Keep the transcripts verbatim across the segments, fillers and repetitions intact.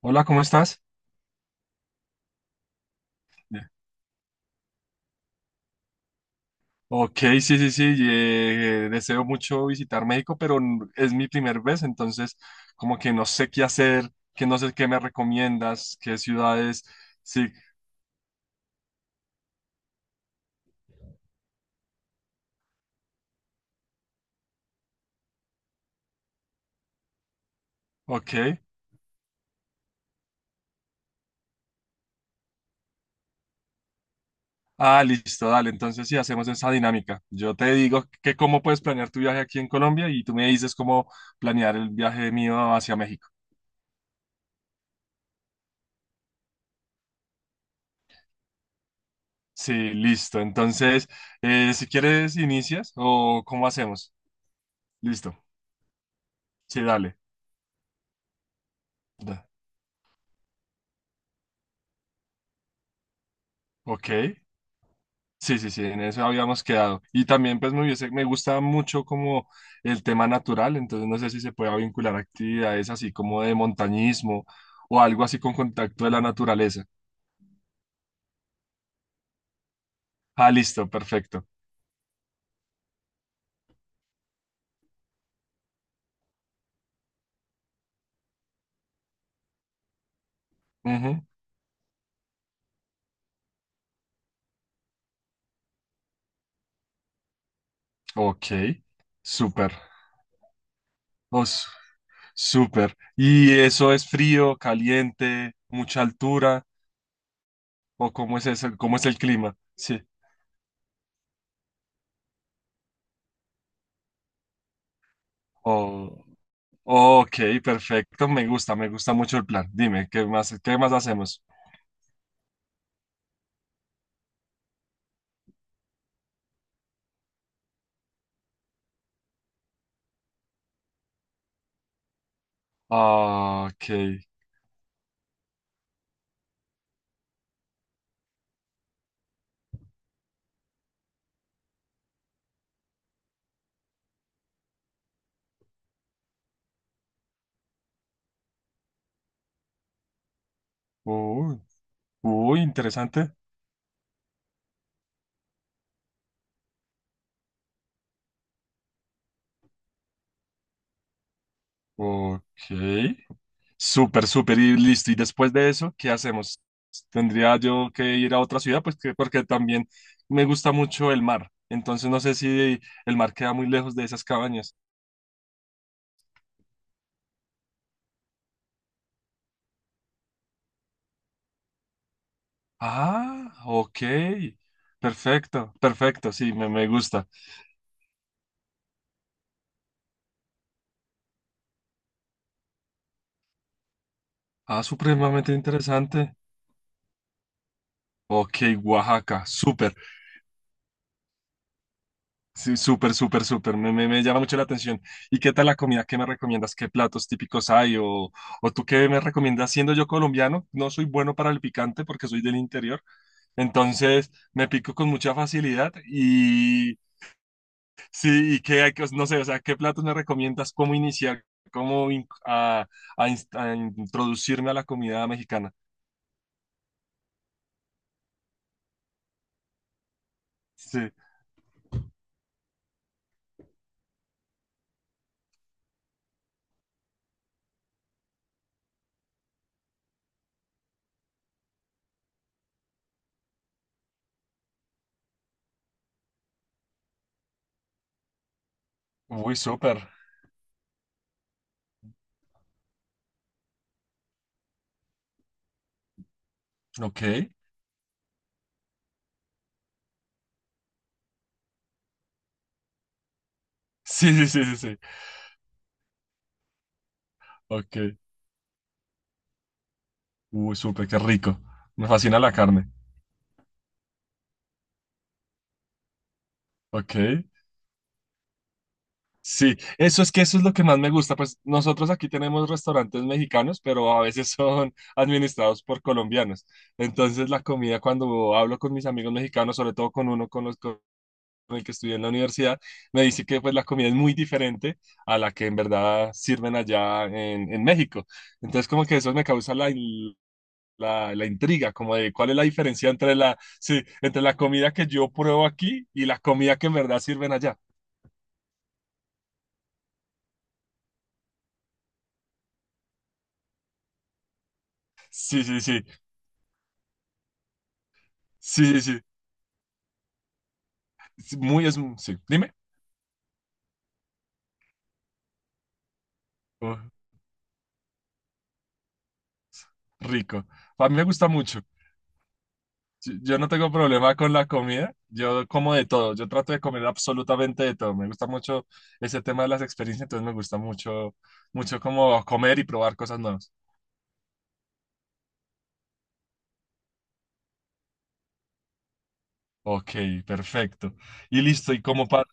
Hola, ¿cómo estás? Bien. Ok, sí, sí, sí, eh, deseo mucho visitar México, pero n- es mi primer vez, entonces como que no sé qué hacer, que no sé qué me recomiendas, qué ciudades, sí, ok. Ah, listo, dale, entonces sí, hacemos esa dinámica. Yo te digo que cómo puedes planear tu viaje aquí en Colombia y tú me dices cómo planear el viaje mío hacia México. Sí, listo, entonces eh, si quieres inicias o cómo hacemos. Listo, sí, dale. Da- Ok. Sí, sí, sí, en eso habíamos quedado. Y también pues me hubiese- me gusta mucho como el tema natural, entonces no sé si se pueda vincular actividades así como de montañismo o algo así con contacto de la naturaleza. Ah, listo, perfecto. Ujú, ok, súper. Oh, s- Súper. ¿Y eso es frío, caliente, mucha altura o cómo es eso, cómo es el clima? Sí. Oh, ok, perfecto, me gusta, me gusta mucho el plan. Dime, ¿qué más, qué más hacemos? Ah, ok. Uy, uy, interesante. Ok. Súper, súper y listo. Y después de eso, ¿qué hacemos? Tendría yo que ir a otra ciudad, pues que, porque también me gusta mucho el mar. Entonces no sé si el mar queda muy lejos de esas cabañas. Ah, ok. Perfecto, perfecto. Sí, me, me gusta. Ah, supremamente interesante. Ok, Oaxaca. Súper. Sí, súper, súper, súper. Me, me, me llama mucho la atención. ¿Y qué tal la comida? ¿Qué me recomiendas? ¿Qué platos típicos hay? ¿O, o tú qué me recomiendas? Siendo yo colombiano, no soy bueno para el picante porque soy del interior. Entonces me pico con mucha facilidad y sí, y qué hay que, no sé, o sea, ¿qué platos me recomiendas? ¿Cómo iniciar? ¿Cómo in- a, a inst- a introducirme a la comida mexicana? Sí. Uy, súper. Ok. Sí, sí, sí, sí, sí. Ok. Uy, súper, qué rico. Me fascina la carne. Ok, sí, eso es que eso es lo que más me gusta, pues nosotros aquí tenemos restaurantes mexicanos, pero a veces son administrados por colombianos. Entonces la comida cuando hablo con mis amigos mexicanos, sobre todo con uno con los con el que estudié en la universidad, me dice que pues la comida es muy diferente a la que en verdad sirven allá en, en México. Entonces como que eso me causa la, in- la, la intriga, como de cuál es la diferencia entre la, sí, entre la comida que yo pruebo aquí y la comida que en verdad sirven allá. Sí, sí, sí. Sí, sí, sí, muy es, sí, dime, oh, rico. A mí me gusta mucho. Yo yo no tengo problema con la comida, yo como de todo, yo trato de comer absolutamente de todo. Me gusta mucho ese tema de las experiencias, entonces me gusta mucho, mucho como comer y probar cosas nuevas. Ok, perfecto. Y listo, y como para...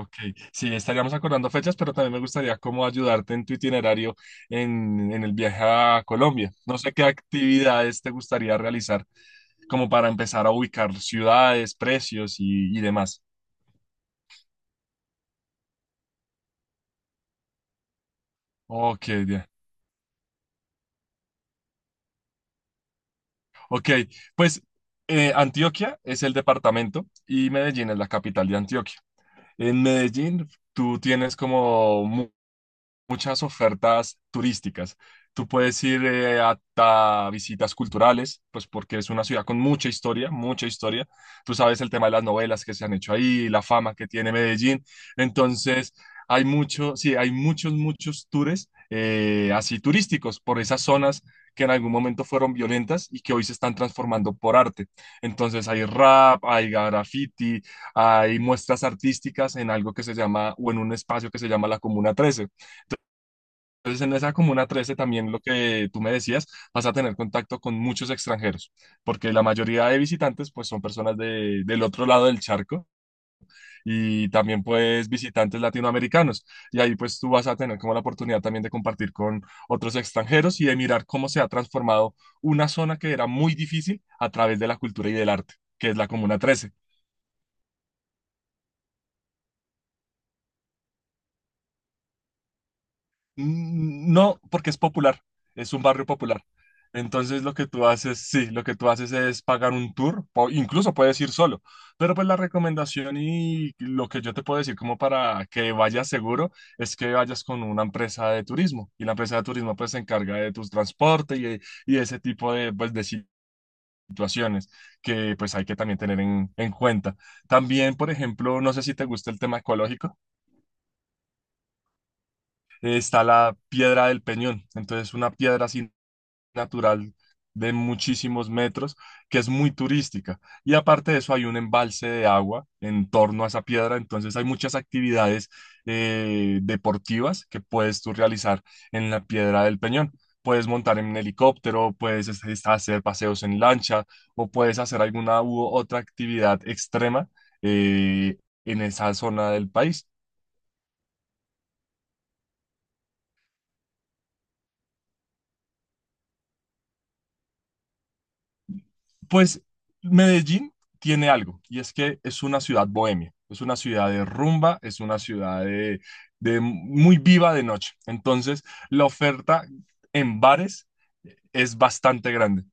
Ok, sí, estaríamos acordando fechas, pero también me gustaría cómo ayudarte en tu itinerario en, en el viaje a Colombia. No sé qué actividades te gustaría realizar como para empezar a ubicar ciudades, precios y, y demás. Ok, bien. Ok, pues eh, Antioquia es el departamento y Medellín es la capital de Antioquia. En Medellín tú tienes como muchas ofertas turísticas. Tú puedes ir eh, hasta visitas culturales, pues porque es una ciudad con mucha historia, mucha historia. Tú sabes el tema de las novelas que se han hecho ahí, la fama que tiene Medellín. Entonces, hay mucho, sí, hay muchos, muchos tours eh, así turísticos por esas zonas que en algún momento fueron violentas y que hoy se están transformando por arte. Entonces hay rap, hay graffiti, hay muestras artísticas en algo que se llama, o en un espacio que se llama la Comuna trece. Entonces, en esa Comuna trece también lo que tú me decías, vas a tener contacto con muchos extranjeros, porque la mayoría de visitantes pues son personas de- del otro lado del charco y también pues visitantes latinoamericanos. Y ahí pues tú vas a tener como la oportunidad también de compartir con otros extranjeros y de mirar cómo se ha transformado una zona que era muy difícil a través de la cultura y del arte, que es la Comuna trece. Mm, no, porque es popular, es un barrio popular. Entonces lo que tú haces, sí, lo que tú haces es pagar un tour, o incluso puedes ir solo, pero pues la recomendación y lo que yo te puedo decir como para que vayas seguro es que vayas con una empresa de turismo y la empresa de turismo pues se encarga de tus transportes y, y ese tipo de, pues, de situaciones que pues hay que también tener en, en cuenta. También, por ejemplo, no sé si te gusta el tema ecológico, eh, está la piedra del Peñón, entonces una piedra así natural de muchísimos metros, que es muy turística. Y aparte de eso, hay un embalse de agua en torno a esa piedra, entonces hay muchas actividades eh, deportivas que puedes tú realizar en la piedra del Peñón. Puedes montar en un helicóptero, puedes es- es- hacer paseos en lancha o puedes hacer alguna u otra actividad extrema eh, en esa zona del país. Pues Medellín tiene algo, y es que es una ciudad bohemia, es una ciudad de rumba, es una ciudad de, de muy viva de noche. Entonces, la oferta en bares es bastante grande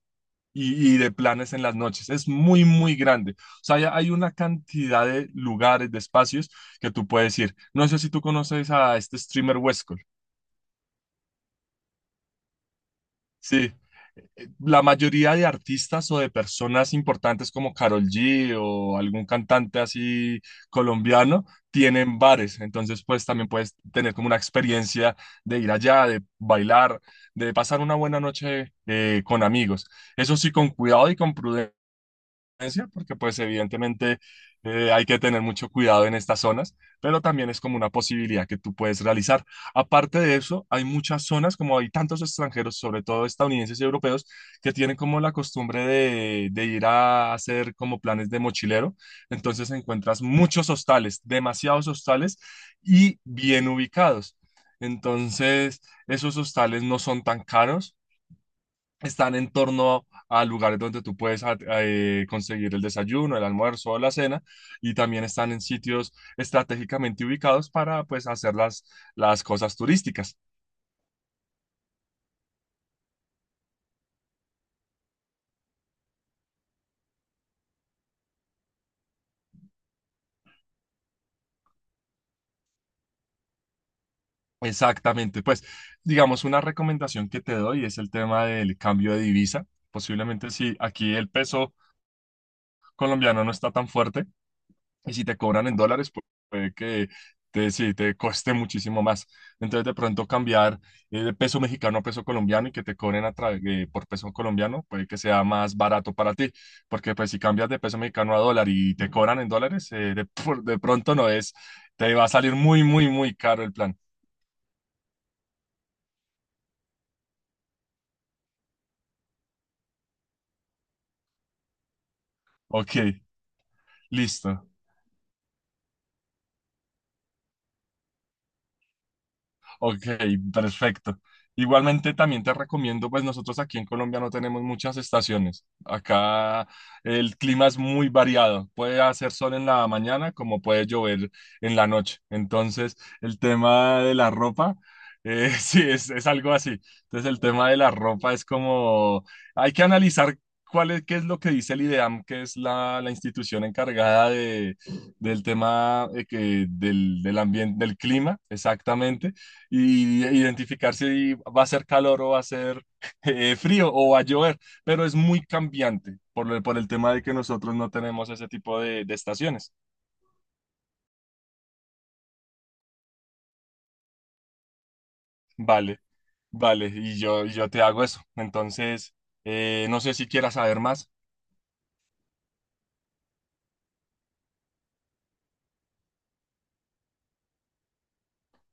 y, y de planes en las noches. Es muy, muy grande. O sea, ya hay una cantidad de lugares, de espacios que tú puedes ir. No sé si tú conoces a este streamer Westcol. Sí. La mayoría de artistas o de personas importantes como Karol G o algún cantante así colombiano tienen bares, entonces pues también puedes tener como una experiencia de ir allá, de bailar, de pasar una buena noche eh, con amigos. Eso sí, con cuidado y con prudencia violencia, porque pues evidentemente eh, hay que tener mucho cuidado en estas zonas, pero también es como una posibilidad que tú puedes realizar. Aparte de eso, hay muchas zonas, como hay tantos extranjeros, sobre todo estadounidenses y europeos, que tienen como la costumbre de, de ir a hacer como planes de mochilero, entonces encuentras muchos hostales, demasiados hostales y bien ubicados. Entonces, esos hostales no son tan caros, están en torno a lugares donde tú puedes a- eh, conseguir el desayuno, el almuerzo o la cena, y también están en sitios estratégicamente ubicados para pues hacer las, las cosas turísticas. Exactamente, pues digamos una recomendación que te doy es el tema del cambio de divisa. Posiblemente si aquí el peso colombiano no está tan fuerte, y si te cobran en dólares, pu- puede que te, sí, te cueste muchísimo más. Entonces, de pronto cambiar eh, de peso mexicano a peso colombiano y que te cobren a tra- eh, por peso colombiano, puede que sea más barato para ti. Porque pues si cambias de peso mexicano a dólar y te cobran en dólares, eh, de, por- de pronto no es, te va a salir muy, muy, muy caro el plan. Ok, listo. Ok, perfecto. Igualmente también te recomiendo, pues nosotros aquí en Colombia no tenemos muchas estaciones. Acá el clima es muy variado. Puede hacer sol en la mañana como puede llover en la noche. Entonces, el tema de la ropa, eh, sí, es, es algo así. Entonces, el tema de la ropa es como, hay que analizar cuál es, qué es lo que dice el IDEAM, que es la, la institución encargada de, del tema eh, que, del, del ambiente, del clima, exactamente y identificar si va a ser calor o va a ser eh, frío o va a llover, pero es muy cambiante por, el- por el tema de que nosotros no tenemos ese tipo de, de estaciones. Vale, vale, y yo, y yo te hago eso. Entonces, eh, no sé si quieras saber más.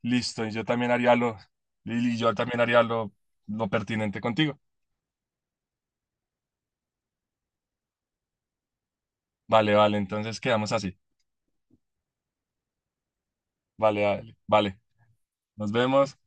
Listo, y yo también haría lo, y yo también haría lo, lo pertinente contigo. Vale, vale, entonces quedamos así. Vale, vale, vale. Nos vemos.